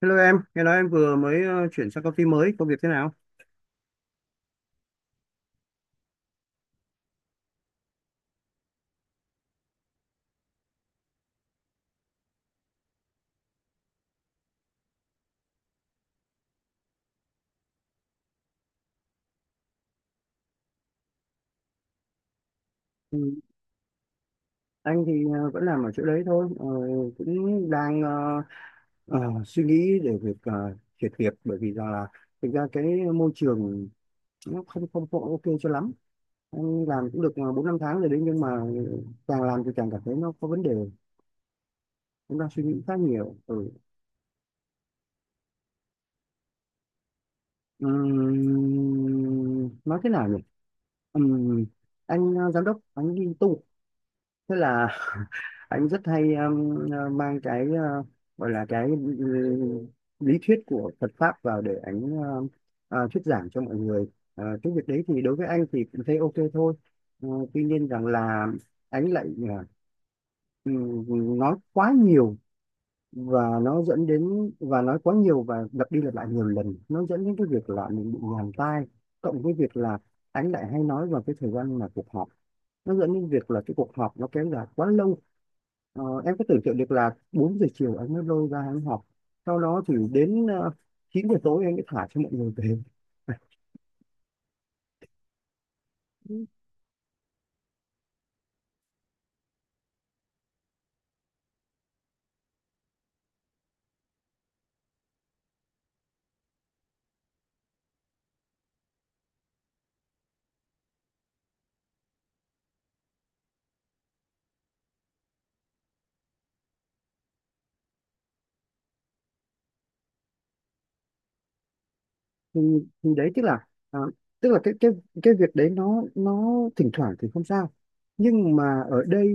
Hello em, nghe nói em vừa mới chuyển sang công ty mới, công việc thế nào? Ừ, anh thì vẫn làm ở chỗ đấy thôi, cũng đang ờ, suy nghĩ để việc chuyển việc bởi vì rằng là thực ra cái môi trường nó không không có ok cho lắm. Anh làm cũng được bốn năm tháng rồi đấy nhưng mà càng làm thì càng cảm thấy nó có vấn đề, cũng đang suy nghĩ khá nhiều. Ừ. Nói thế nào nhỉ? Ừm, anh giám đốc, anh đi tu, thế là anh rất hay mang cái gọi là cái ừ, lý thuyết của Phật pháp vào để anh thuyết giảng cho mọi người. Ờ, cái việc đấy thì đối với anh thì cũng thấy ok thôi. Ờ, tuy nhiên rằng là anh lại ờ, nói quá nhiều và nó dẫn đến và nói quá nhiều và lặp đi lặp lại nhiều lần nó dẫn đến cái việc là mình bị nhàm tai, cộng với việc là anh lại hay nói vào cái thời gian mà cuộc họp, nó dẫn đến việc là cái cuộc họp nó kéo dài quá lâu. Ờ, em cứ tưởng tượng được là 4 giờ chiều anh mới lôi ra anh học, sau đó thì đến 9 giờ tối anh mới thả cho mọi người về. Ừ, thì đấy tức là à, tức là cái việc đấy nó thỉnh thoảng thì không sao nhưng mà ở đây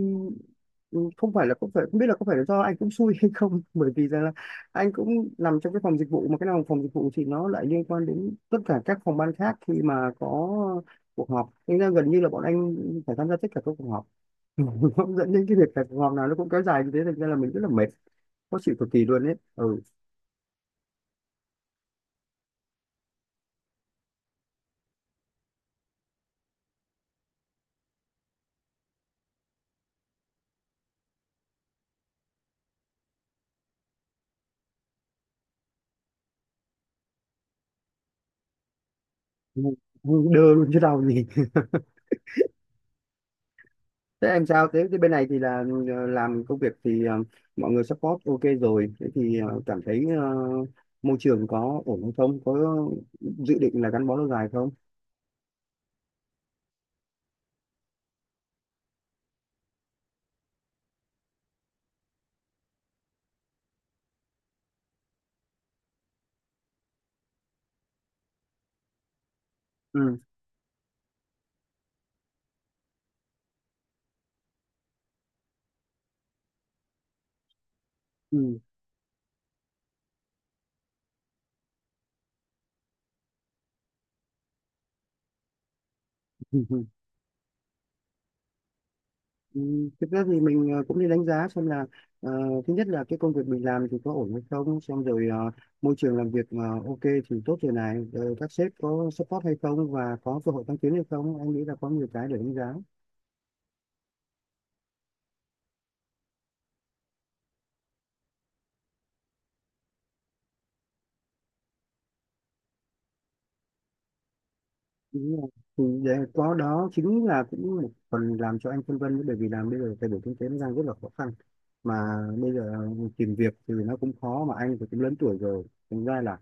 ừ, không phải không biết là có phải là do anh cũng xui hay không bởi vì rằng là anh cũng nằm trong cái phòng dịch vụ mà cái nào phòng dịch vụ thì nó lại liên quan đến tất cả các phòng ban khác khi mà có cuộc họp nên là gần như là bọn anh phải tham gia tất cả các cuộc họp. Nó dẫn đến cái việc là cuộc họp nào nó cũng kéo dài như thế thành ra là mình rất là mệt, khó chịu cực kỳ luôn ấy, ừ. Ngu- ngu đơ luôn chứ đâu gì. Thế em sao? Thế bên này thì là làm công việc thì mọi người support ok rồi. Thế thì cảm thấy môi trường có ổn hay không? Có dự định là gắn bó lâu dài không? Ừ. Ừ. Ừ, thực ra thì mình cũng đi đánh giá xem là ờ, thứ nhất là cái công việc mình làm thì có ổn hay không, xong rồi môi trường làm việc ok thì tốt rồi này, rồi các sếp có support hay không và có cơ hội tăng tiến hay không, em nghĩ là có nhiều cái để đánh giá. Đúng rồi. Thì vậy có đó chính là cũng một phần làm cho anh phân vân đấy, bởi vì làm bây giờ thay đổi kinh tế nó đang rất là khó khăn mà bây giờ tìm việc thì nó cũng khó mà anh thì cũng lớn tuổi rồi thành ra là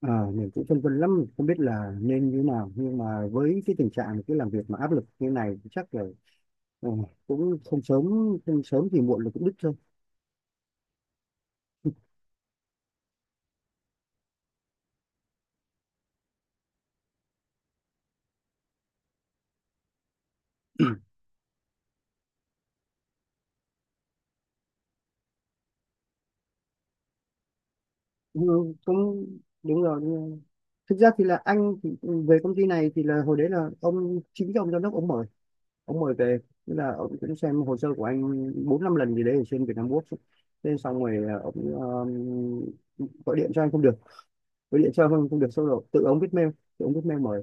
mình cũng phân vân lắm không biết là nên như thế nào nhưng mà với cái tình trạng cái làm việc mà áp lực như này thì chắc là ờ, cũng không sớm không sớm thì muộn là cũng đứt thôi. Ừ, cũng đúng rồi, đúng rồi. Thực ra thì là anh thì về công ty này thì là hồi đấy là ông chính cái ông giám đốc ông mở, ông mời về, tức là ông cũng xem hồ sơ của anh bốn năm lần gì đấy ở trên Việt Nam Works ấy. Thế xong rồi ông ờ, gọi điện cho anh không được gọi điện cho anh không được xong rồi tự ông viết mail mời.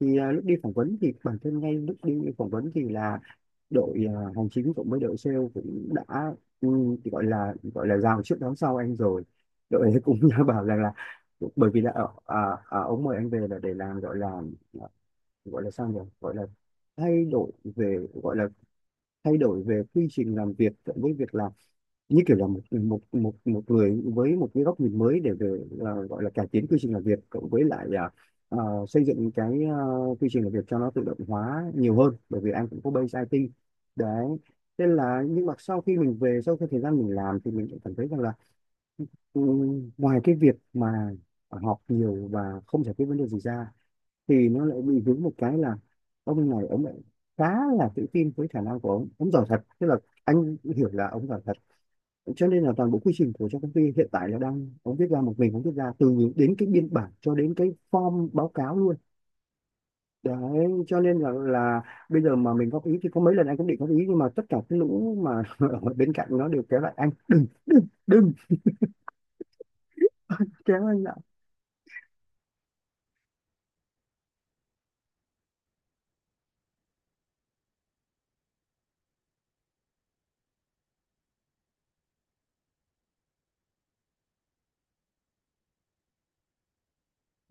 Thì lúc đi phỏng vấn thì bản thân ngay lúc đi phỏng vấn thì là đội hành chính cộng với đội sale cũng đã ừ, thì gọi là rào trước đón sau anh rồi, đội ấy cũng bảo rằng là bởi vì là ở ông mời anh về là để làm gọi là thay đổi, về gọi là thay đổi về quy trình làm việc với việc là như kiểu là một một một một người với một cái góc nhìn mới để về gọi là cải tiến quy trình làm việc cộng với lại à, xây dựng cái quy trình làm việc cho nó tự động hóa nhiều hơn bởi vì anh cũng có base IT đấy. Thế là nhưng mà sau khi mình về sau cái thời gian mình làm thì mình cũng cảm thấy rằng là ừ, ngoài cái việc mà học nhiều và không giải quyết vấn đề gì ra thì nó lại bị vướng một cái là ông này ông lại khá là tự tin với khả năng của ông giỏi thật, tức là anh hiểu là ông giỏi thật, cho nên là toàn bộ quy trình của trong công ty hiện tại là đang ông viết ra, một mình ông viết ra từ đến cái biên bản cho đến cái form báo cáo luôn. Đấy cho nên là bây giờ mà mình góp ý thì có mấy lần anh cũng định góp ý nhưng mà tất cả cái lũ mà ở bên cạnh nó đều kéo lại anh, đừng, đừng kéo anh.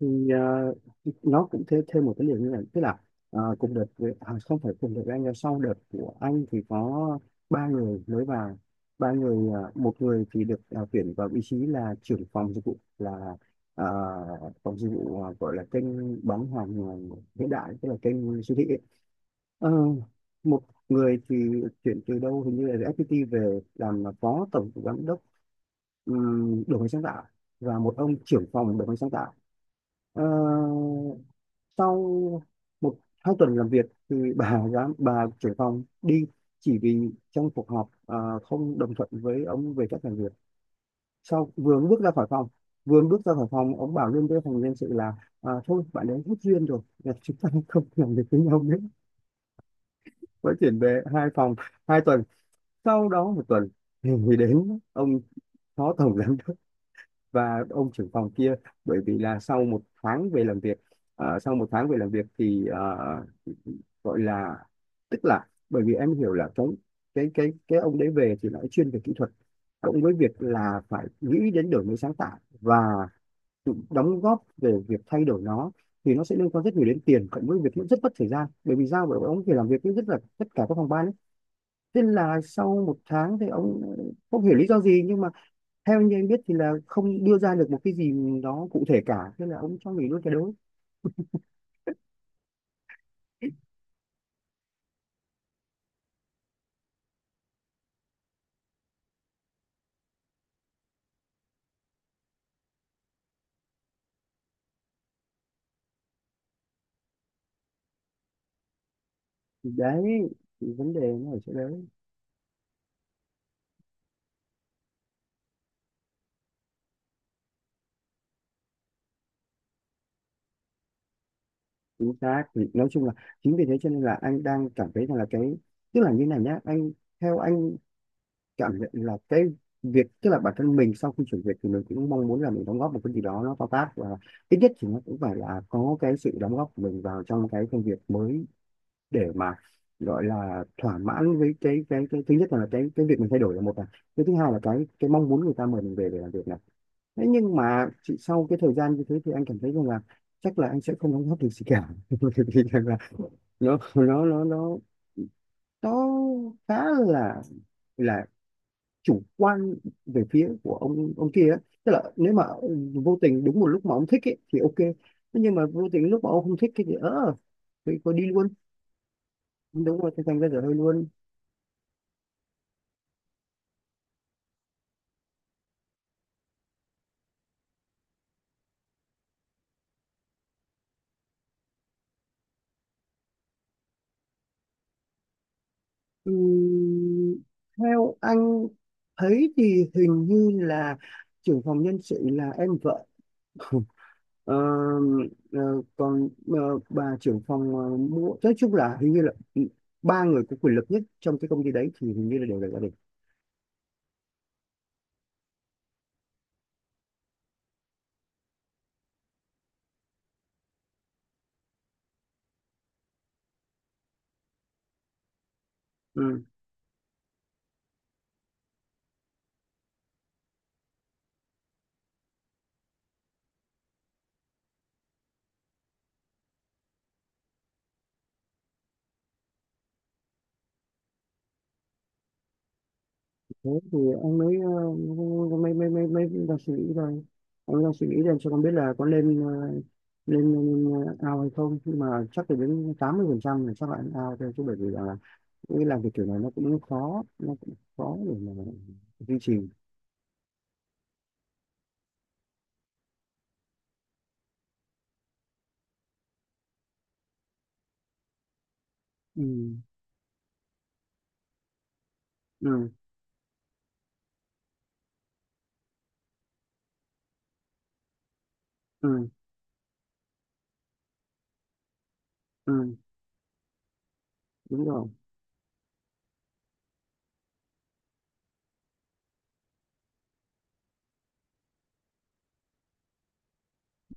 Thì nó cũng thêm thêm một cái điều như này, tức là ờ, cùng đợt với, à, không phải cùng đợt với anh nhưng sau đợt của anh thì có ba người mới vào, ba người, một người thì được tuyển vào vị trí là trưởng phòng dịch vụ là ờ, phòng dịch vụ gọi là kênh bán hàng hiện đại, tức là kênh siêu thị ấy. Ờ, một người thì chuyển từ đâu hình như là từ FPT về làm là phó tổng giám đốc đổi mới sáng tạo, và một ông trưởng phòng đổi mới sáng tạo. Ờ, sau một hai tuần làm việc thì bà bà trưởng phòng đi chỉ vì trong cuộc họp không đồng thuận với ông về cách làm việc, sau vừa bước ra khỏi phòng, ông bảo luôn với phòng nhân sự là thôi bạn ấy hết duyên rồi là chúng ta không làm việc với nhau nữa, mới chuyển về hai phòng 2 tuần. Sau đó một tuần thì đến ông phó tổng giám và ông trưởng phòng kia, bởi vì là sau một tháng về làm việc, ờ, sau một tháng về làm việc thì ờ, gọi là tức là bởi vì em hiểu là cái ông đấy về thì nói chuyên về kỹ thuật cộng với việc là phải nghĩ đến đổi mới sáng tạo và tự đóng góp về việc thay đổi nó thì nó sẽ liên quan rất nhiều đến tiền cộng với việc cũng rất mất thời gian bởi vì sao, bởi vì ông phải làm việc với rất là tất cả các phòng ban ấy. Thế là sau một tháng thì ông không hiểu lý do gì nhưng mà theo như anh biết thì là không đưa ra được một cái gì đó cụ thể cả, thế là ông cho nghỉ luôn cái đấy. Thì đấy thì vấn đề nó ở chỗ đấy, chính xác thì nói chung là chính vì thế cho nên là anh đang cảm thấy rằng là cái tức là như này nhá anh, theo anh cảm nhận là cái việc tức là bản thân mình sau khi chuyển việc thì mình cũng mong muốn là mình đóng góp một cái gì đó nó to tát và ít nhất thì nó cũng phải là có cái sự đóng góp của mình vào trong cái công việc mới để mà gọi là thỏa mãn với cái thứ nhất là cái việc mình thay đổi là một này, cái thứ hai là cái mong muốn người ta mời mình về để làm việc này. Thế nhưng mà chị sau cái thời gian như thế thì anh cảm thấy rằng là chắc là anh sẽ không đóng góp được gì cả thì rằng là nó nó nó nó nó khá là chủ quan về phía của ông kia ấy. Tức là nếu mà vô tình đúng một lúc mà ông thích ấy, thì ok. Thế nhưng mà vô tình lúc mà ông không thích cái gì thì có đi luôn. Đúng rồi thì thành ra rồi hơi luôn. Ừm, theo anh thấy thì hình như là trưởng phòng nhân sự là em vợ. Ờ, ờ, còn bà trưởng phòng mua nói chung là hình như là ừ, ba người có quyền lực nhất trong cái công ty đấy thì hình như là đều là gia đình. Ừ. Thế thì anh mới mới mới mới mới đang suy nghĩ rồi, anh đang suy nghĩ xem cho con biết là có nên lên, lên, lên ao hay không nhưng mà chắc là đến 80% là chắc là ao thôi chứ bởi vì là nghĩ làm cái kiểu này nó cũng khó, để mà duy trì. Ừ, ừ, ừ, ừ, đúng rồi.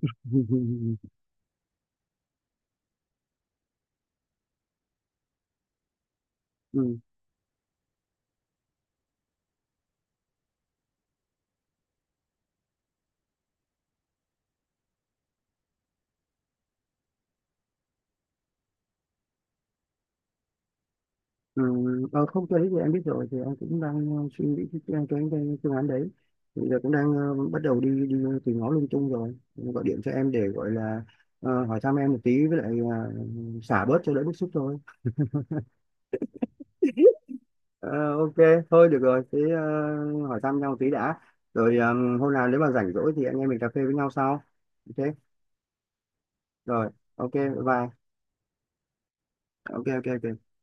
Ừ, ừ. Không tôi thì em biết rồi thì em cũng đang suy nghĩ cái phương án đấy, bây giờ cũng đang bắt đầu đi đi tìm ngó lung tung rồi. Em gọi điện cho em để gọi là hỏi thăm em một tí với lại xả bớt cho đỡ bức xúc thôi. Ờ, ok, thôi được rồi, thế hỏi thăm nhau một tí đã, rồi hôm nào nếu mà rảnh rỗi thì anh em mình cà phê với nhau sau. Ok. Rồi, ok bye bye. Ok, ok, ok.